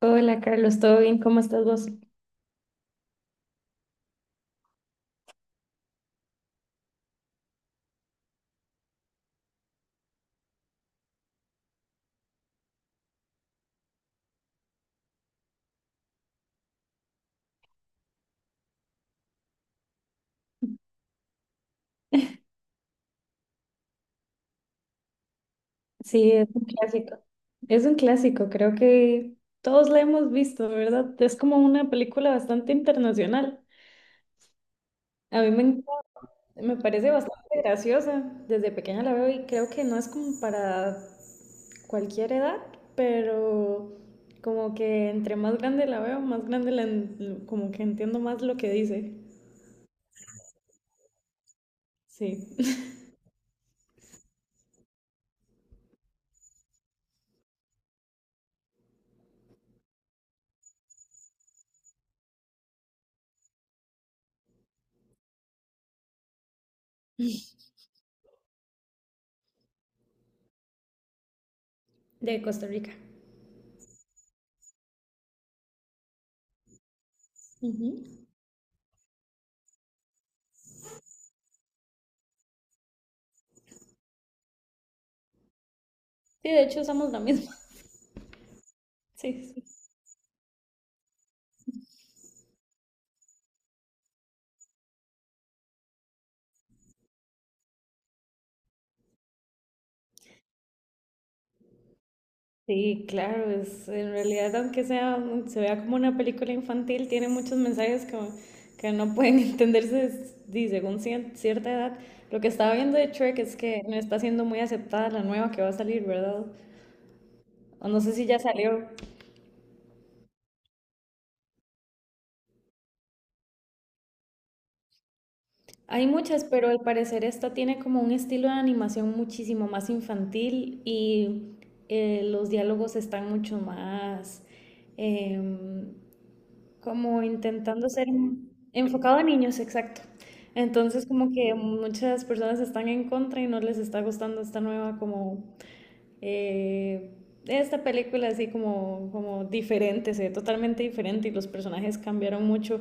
Hola Carlos, ¿todo bien? ¿Cómo estás vos? Sí, es un clásico. Es un clásico, creo que todos la hemos visto, ¿verdad? Es como una película bastante internacional. A mí me encanta, me parece bastante graciosa. Desde pequeña la veo y creo que no es como para cualquier edad, pero como que entre más grande la veo, más grande como que entiendo más lo que dice. Sí. De Costa Rica. Ujú. Sí, de hecho usamos la misma. Sí, sí. Sí, claro, es, en realidad aunque sea, se vea como una película infantil, tiene muchos mensajes que no pueden entenderse sí, según cierta edad. Lo que estaba viendo de Shrek es que no está siendo muy aceptada la nueva que va a salir, ¿verdad? O no sé si ya salió. Hay muchas, pero al parecer esta tiene como un estilo de animación muchísimo más infantil y los diálogos están mucho más... em, como intentando ser enfocado a niños, exacto. Entonces, como que muchas personas están en contra y no les está gustando esta nueva, como, eh, esta película así como, como diferente, se ve totalmente diferente y los personajes cambiaron mucho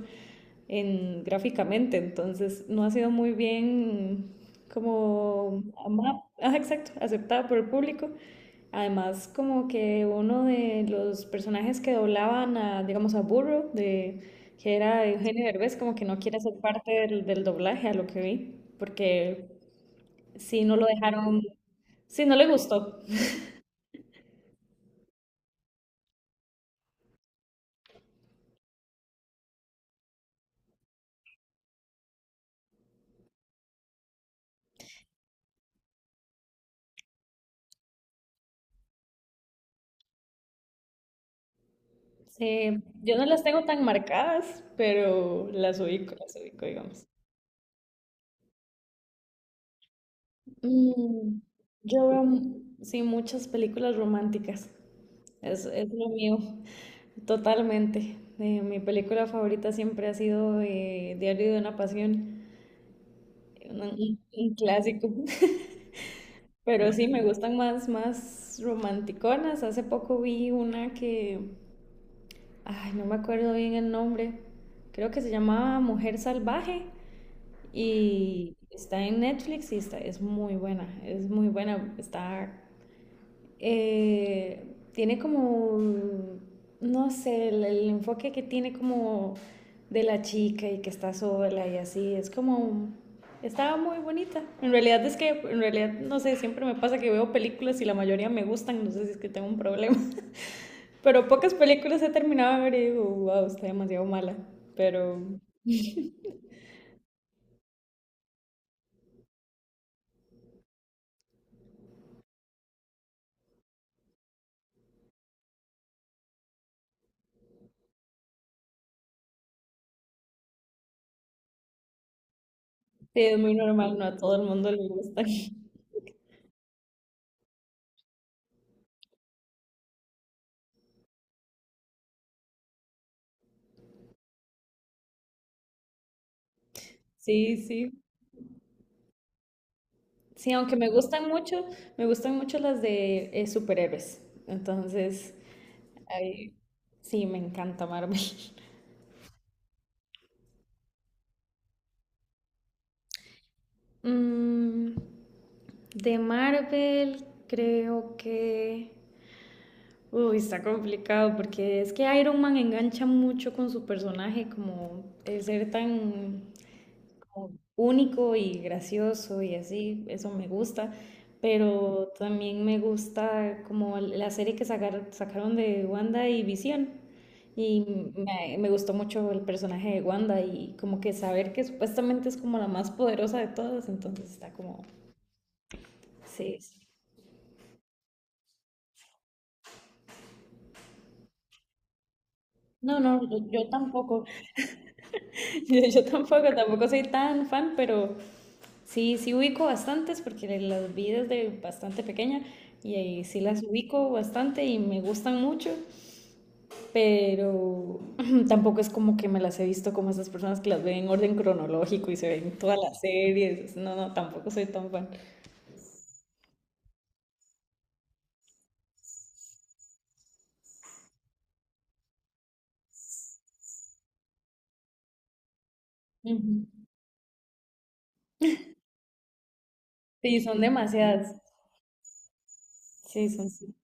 en, gráficamente, entonces no ha sido muy bien como exacto, aceptado por el público. Además, como que uno de los personajes que doblaban a, digamos, a Burro, de, que era Eugenio Derbez, como que no quiere ser parte del doblaje, a lo que vi, porque sí no lo dejaron, sí no le gustó. Sí, yo no las tengo tan marcadas, pero las ubico, digamos. Mm, yo veo, sí, muchas películas románticas. Es lo mío, totalmente. Mi película favorita siempre ha sido Diario de una Pasión, un clásico. Pero sí, me gustan más, más romanticonas. Hace poco vi una que, ay, no me acuerdo bien el nombre. Creo que se llamaba Mujer Salvaje y está en Netflix y está, es muy buena, es muy buena. Está tiene como, no sé, el enfoque que tiene como de la chica y que está sola y así, es como, estaba muy bonita. En realidad es que, en realidad, no sé, siempre me pasa que veo películas y la mayoría me gustan, no sé si es que tengo un problema, pero pocas películas he terminado de ver y digo, wow, está demasiado mala, pero sí, es muy normal, no a todo el mundo le gusta. Sí, sí. Sí, aunque me gustan mucho las de superhéroes. Entonces, ahí- sí, me encanta Marvel. Mm, de Marvel, creo que... Uy, está complicado porque es que Iron Man engancha mucho con su personaje, como el ser tan como único y gracioso y así, eso me gusta, pero también me gusta como la serie que sacaron de Wanda y Visión. Y me gustó mucho el personaje de Wanda y como que saber que supuestamente es como la más poderosa de todas, entonces está como, sí. Sí. No, no, yo tampoco, yo tampoco, tampoco soy tan fan, pero sí, sí ubico bastantes porque las vi desde bastante pequeña y ahí sí las ubico bastante y me gustan mucho, pero tampoco es como que me las he visto como esas personas que las ven en orden cronológico y se ven todas las series. No, no, tampoco soy tan fan. Ujú. Sí, son demasiadas. Sí, son sí.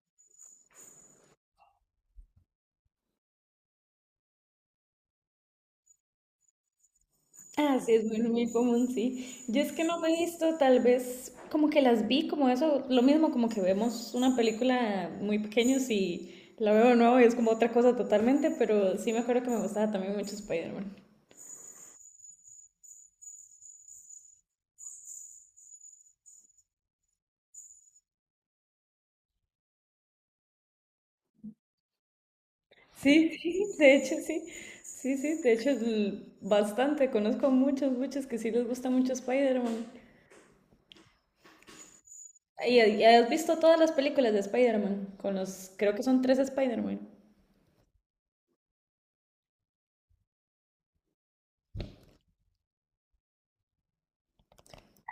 Ah, sí, es muy, muy común, sí. Yo es que no me he visto, tal vez como que las vi como eso, lo mismo como que vemos una película muy pequeños y la veo de nuevo y es como otra cosa totalmente, pero sí me acuerdo que me gustaba también mucho Spider-Man. Sí, sí, de hecho sí, sí, sí, de hecho bastante, conozco muchos, muchos que sí les gusta mucho Spider-Man. ¿Y has visto todas las películas de Spider-Man? Con los, creo que son tres Spider-Man.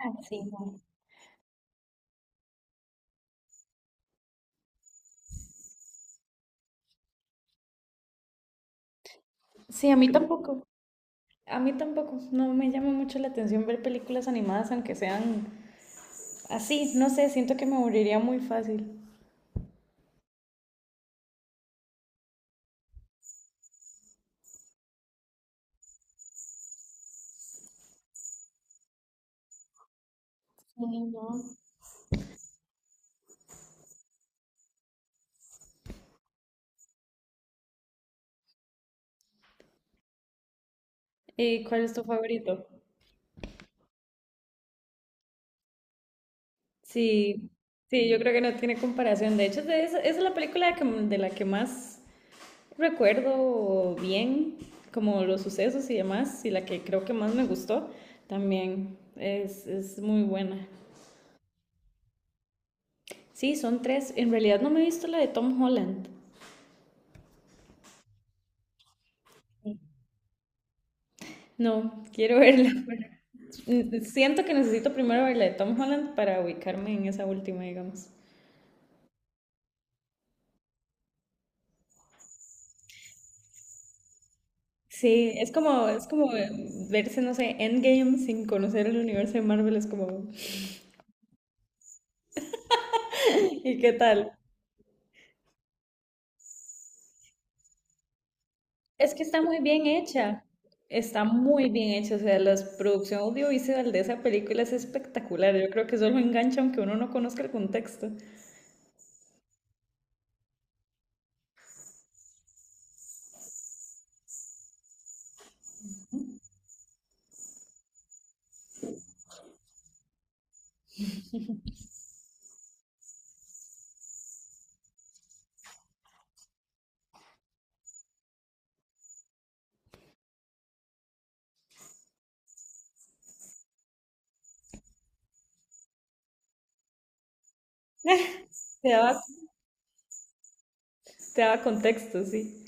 Ah, sí. Sí, a mí tampoco. A mí tampoco, no me llama mucho la atención ver películas animadas, aunque sean así, no sé, siento que me aburriría muy fácil. Sí, no. ¿Y cuál es tu favorito? Sí, sí, yo creo que no tiene comparación. De hecho, de esa, esa es la película de la que más recuerdo bien, como los sucesos y demás, y la que creo que más me gustó también. Es muy buena. Sí, son tres. En realidad no me he visto la de Tom Holland. No, quiero verla. Mm, siento que necesito primero ver la de Tom Holland para ubicarme en esa última, digamos. Sí, es como verse, no sé, Endgame sin conocer el universo de Marvel, es como, ¿y qué tal? Es que está muy bien hecha, está muy bien hecha, o sea, la producción audiovisual de esa película es espectacular, yo creo que solo engancha aunque uno no conozca el contexto. Te daba, te daba contexto, sí.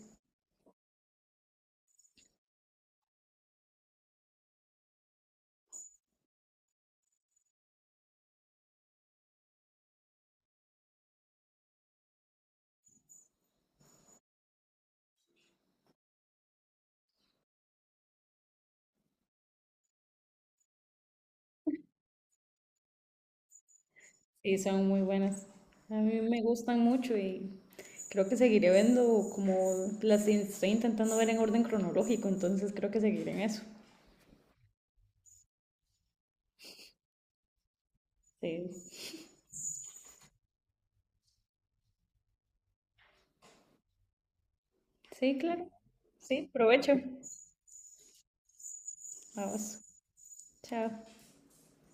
Y son muy buenas. A mí me gustan mucho y creo que seguiré viendo como estoy intentando ver en orden cronológico, entonces creo que seguiré en eso. Sí, sí, claro. Sí, provecho. Vamos. Chao.